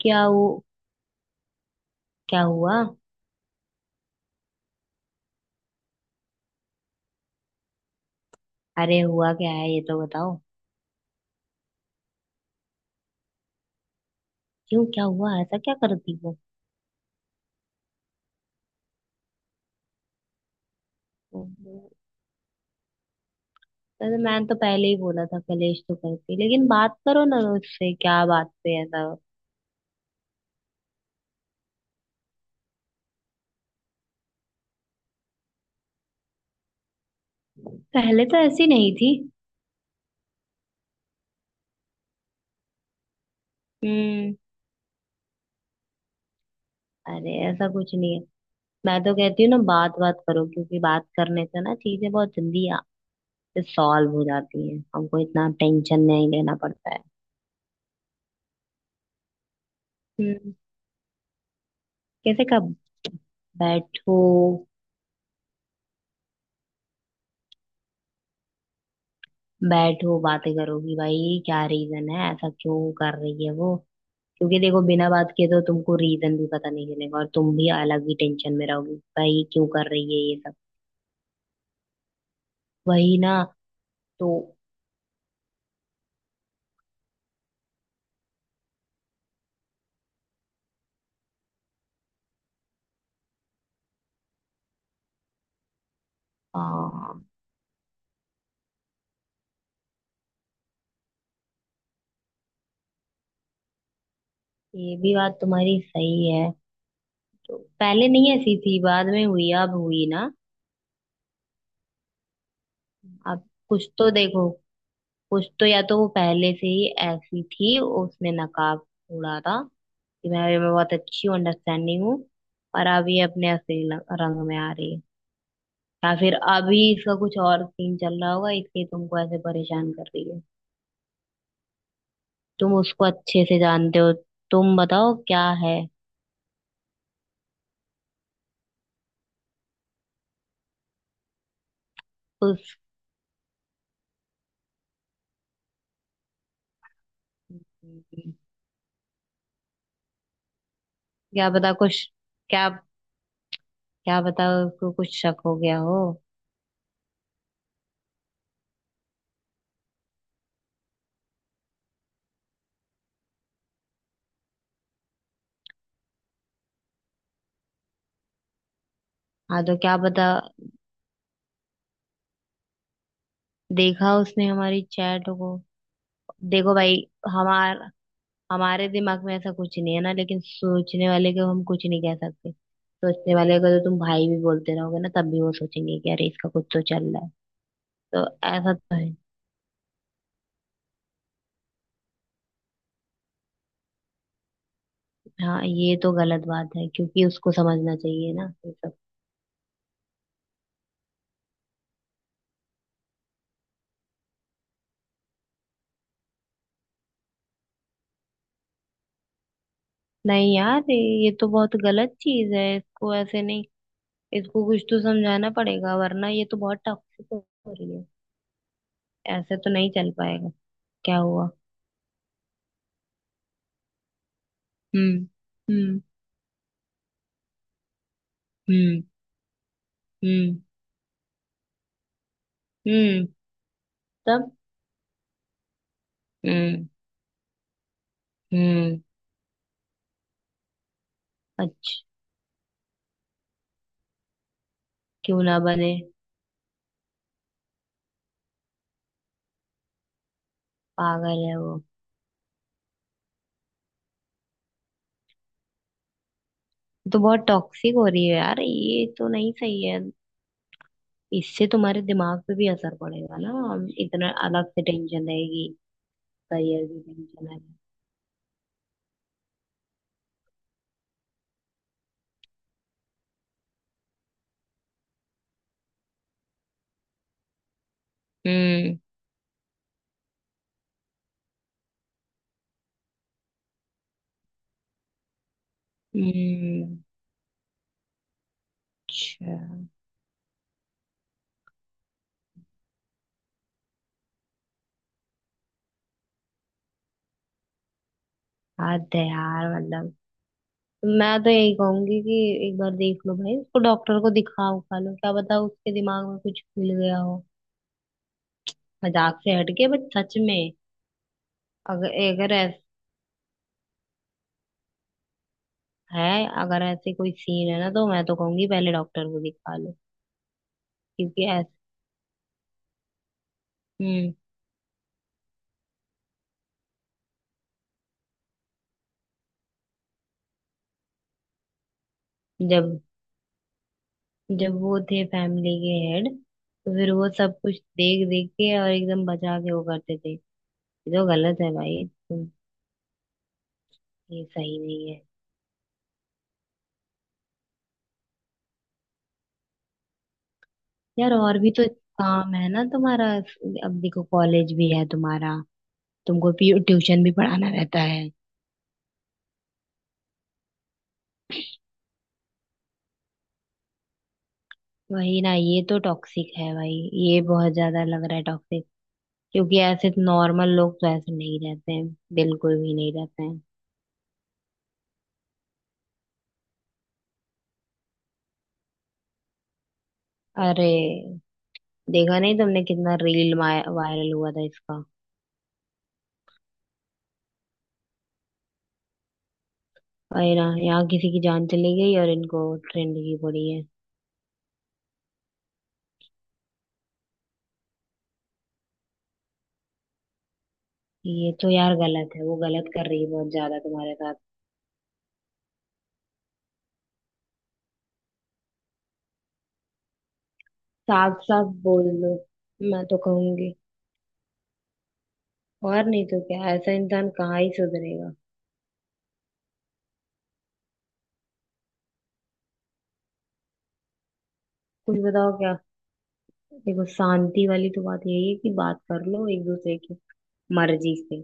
क्या वो? क्या हुआ? अरे हुआ क्या है ये तो बताओ। क्यों? क्या हुआ? ऐसा क्या करती वो? अरे मैंने तो पहले ही बोला था कलेश तो करती लेकिन बात करो ना उससे। क्या बात पे ऐसा? पहले तो ऐसी नहीं थी। हम्म। अरे ऐसा कुछ नहीं है। मैं तो कहती हूँ ना बात बात करो क्योंकि बात करने से ना चीजें बहुत जल्दी सॉल्व हो जाती हैं। हमको इतना टेंशन नहीं लेना पड़ता है। हम्म। कैसे? कब? बैठो। बैठो बातें करोगी भाई। क्या रीजन है? ऐसा क्यों कर रही है वो? क्योंकि देखो बिना बात किए तो तुमको रीजन भी पता नहीं चलेगा और तुम भी अलग ही टेंशन में रहोगी भाई। क्यों कर रही है ये सब? वही ना। तो? हाँ। ये भी बात तुम्हारी सही है। तो पहले नहीं ऐसी थी, बाद में हुई। अब हुई ना? अब कुछ तो देखो। कुछ तो, या तो वो पहले से ही ऐसी थी, उसने नकाब उड़ा था कि मैं बहुत अच्छी हूँ, अंडरस्टैंडिंग हूँ। और अब ये अपने असली रंग में आ रही है। या फिर अभी इसका कुछ और सीन चल रहा होगा, इसलिए तुमको ऐसे परेशान कर रही है। तुम उसको अच्छे से जानते हो। तुम बताओ क्या है। उस क्या पता कुछ क्या क्या पता उसको कुछ शक हो गया हो। हाँ तो क्या पता। देखा उसने हमारी चैट को? देखो भाई। हमार हमारे दिमाग में ऐसा कुछ नहीं है ना, लेकिन सोचने वाले को हम कुछ नहीं कह सकते। सोचने वाले को तो तुम भाई भी बोलते रहोगे ना, तब भी वो सोचेंगे कि अरे इसका कुछ तो चल रहा है। तो ऐसा तो है। हाँ ये तो गलत बात है क्योंकि उसको समझना चाहिए ना ये सब। नहीं यार, ये तो बहुत गलत चीज है। इसको ऐसे नहीं, इसको कुछ तो समझाना पड़ेगा वरना ये तो बहुत टॉक्सिक हो रही है। ऐसे तो नहीं चल पाएगा। क्या हुआ? हम्म। हम्म। हम्म। हम्म। हम्म। तब। हम्म। हम्म। अच्छा। क्यों ना बने। पागल है वो। तो बहुत टॉक्सिक हो रही है यार, ये तो नहीं सही है। इससे तुम्हारे दिमाग पे भी असर पड़ेगा ना। इतना अलग से टेंशन रहेगी। उसका ईयर भी नहीं चला गया। हम्म। हम्म, अच्छा। बात है यार, मतलब। मैं तो यही कहूंगी कि एक बार देख लो भाई, उसको डॉक्टर को दिखा उखा लो। क्या पता उसके दिमाग में कुछ खुल गया हो। मजाक से हटके, बट सच में। अगर अगर ऐसा है, अगर ऐसे कोई सीन है ना, तो मैं तो कहूंगी पहले डॉक्टर को दिखा लो। क्योंकि ऐस हम्म। ऐसे जब जब वो थे फैमिली के हेड, तो फिर वो सब कुछ देख देख के और एकदम बचा के वो करते थे। ये तो गलत है भाई। ये सही नहीं है। यार और भी तो काम है ना तुम्हारा। अब देखो कॉलेज भी है तुम्हारा। तुमको ट्यूशन भी पढ़ाना रहता है। वही ना, ये तो टॉक्सिक है भाई। ये बहुत ज्यादा लग रहा है टॉक्सिक। क्योंकि ऐसे नॉर्मल लोग तो ऐसे नहीं रहते हैं। बिल्कुल भी नहीं रहते हैं। अरे देखा नहीं तुमने, कितना रील वायरल हुआ था इसका। अरे ना, यहाँ किसी की जान चली गई और इनको ट्रेंड की पड़ी है। ये तो यार गलत है, वो गलत कर रही है बहुत ज्यादा तुम्हारे साथ। साफ साफ बोल दो। मैं तो कहूंगी, और नहीं तो क्या, ऐसा इंसान कहाँ ही सुधरेगा। कुछ बताओ क्या? देखो, शांति वाली तो बात यही है कि बात कर लो एक दूसरे की मर्जी से।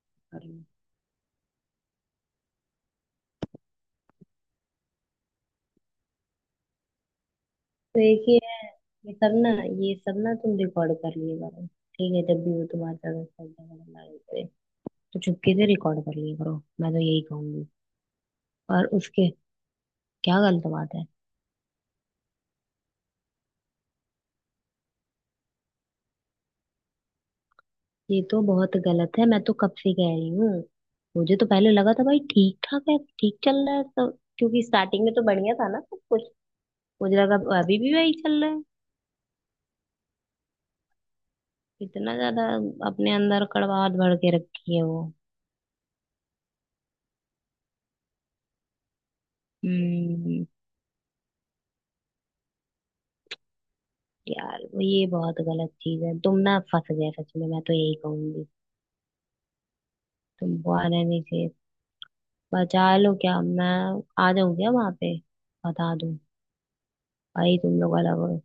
कर लो। तो एक ही है। ये सब ना, ये सब ना तुम रिकॉर्ड कर लिए करो। ठीक है, जब भी वो तुम्हारे साथ ऐसा झगड़ा लड़ाई करे, तो चुपके से रिकॉर्ड कर लिए करो। मैं तो यही कहूंगी। और उसके क्या गलत बात है? ये तो बहुत गलत है, मैं तो कब से कह रही हूँ। मुझे तो पहले लगा था भाई ठीक ठाक है, ठीक चल रहा है तो। क्योंकि स्टार्टिंग में तो बढ़िया था ना सब कुछ, मुझे लगा अभी भी वही चल रहा है। इतना ज्यादा अपने अंदर कड़वाहट भर के रखी है वो। हम्म। यार वो, ये बहुत गलत चीज है। तुम ना फंस गए सच में, मैं तो यही कहूंगी। तुम वहां रहने से बचा लो क्या? मैं आ जाऊं क्या वहां पे? बता दूं? भाई तुम लोग अलग हो।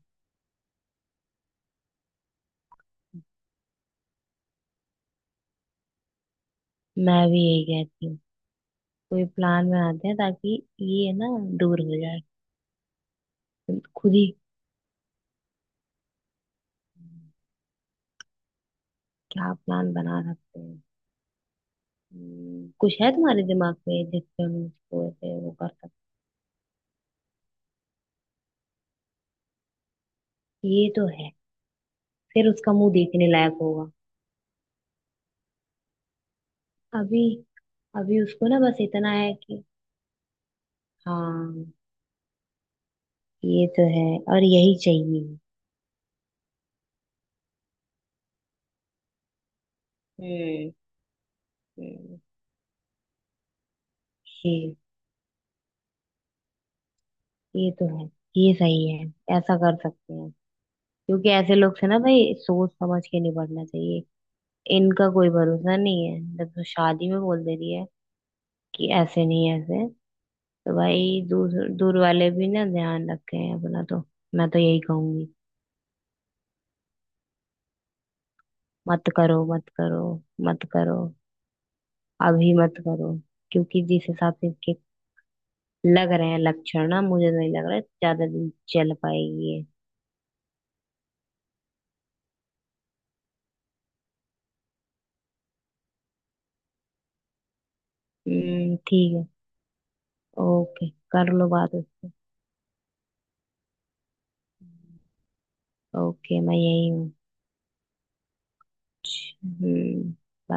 मैं भी यही कहती हूँ। कोई प्लान बनाते हैं ताकि ये ना दूर हो जाए। तुम खुद ही क्या प्लान बना सकते हैं? कुछ है तुम्हारे दिमाग में जिससे हम उसको ऐसे वो कर सकते? ये तो है। फिर उसका मुंह देखने लायक होगा। अभी। अभी उसको ना बस इतना है कि। हाँ। ये तो है। और यही चाहिए। हम्म। हम्म। ये ये तो है। ये सही है। ऐसा कर सकते हैं। क्योंकि ऐसे लोग से ना भाई सोच समझ के निपटना चाहिए। इनका कोई भरोसा नहीं है, जब तो शादी में बोल दे रही है कि ऐसे नहीं ऐसे, तो भाई दूर दूर वाले भी ना ध्यान रखें अपना तो। मैं तो यही कहूंगी। मत करो, मत करो, मत करो, अभी मत करो। क्योंकि जिस हिसाब से इसके लग रहे हैं लक्षण ना, मुझे नहीं लग रहा है ज्यादा दिन चल पाएगी ये। हम्म, ठीक है। ओके कर लो बात उससे। ओके मैं यही हूँ। हम्म। bye।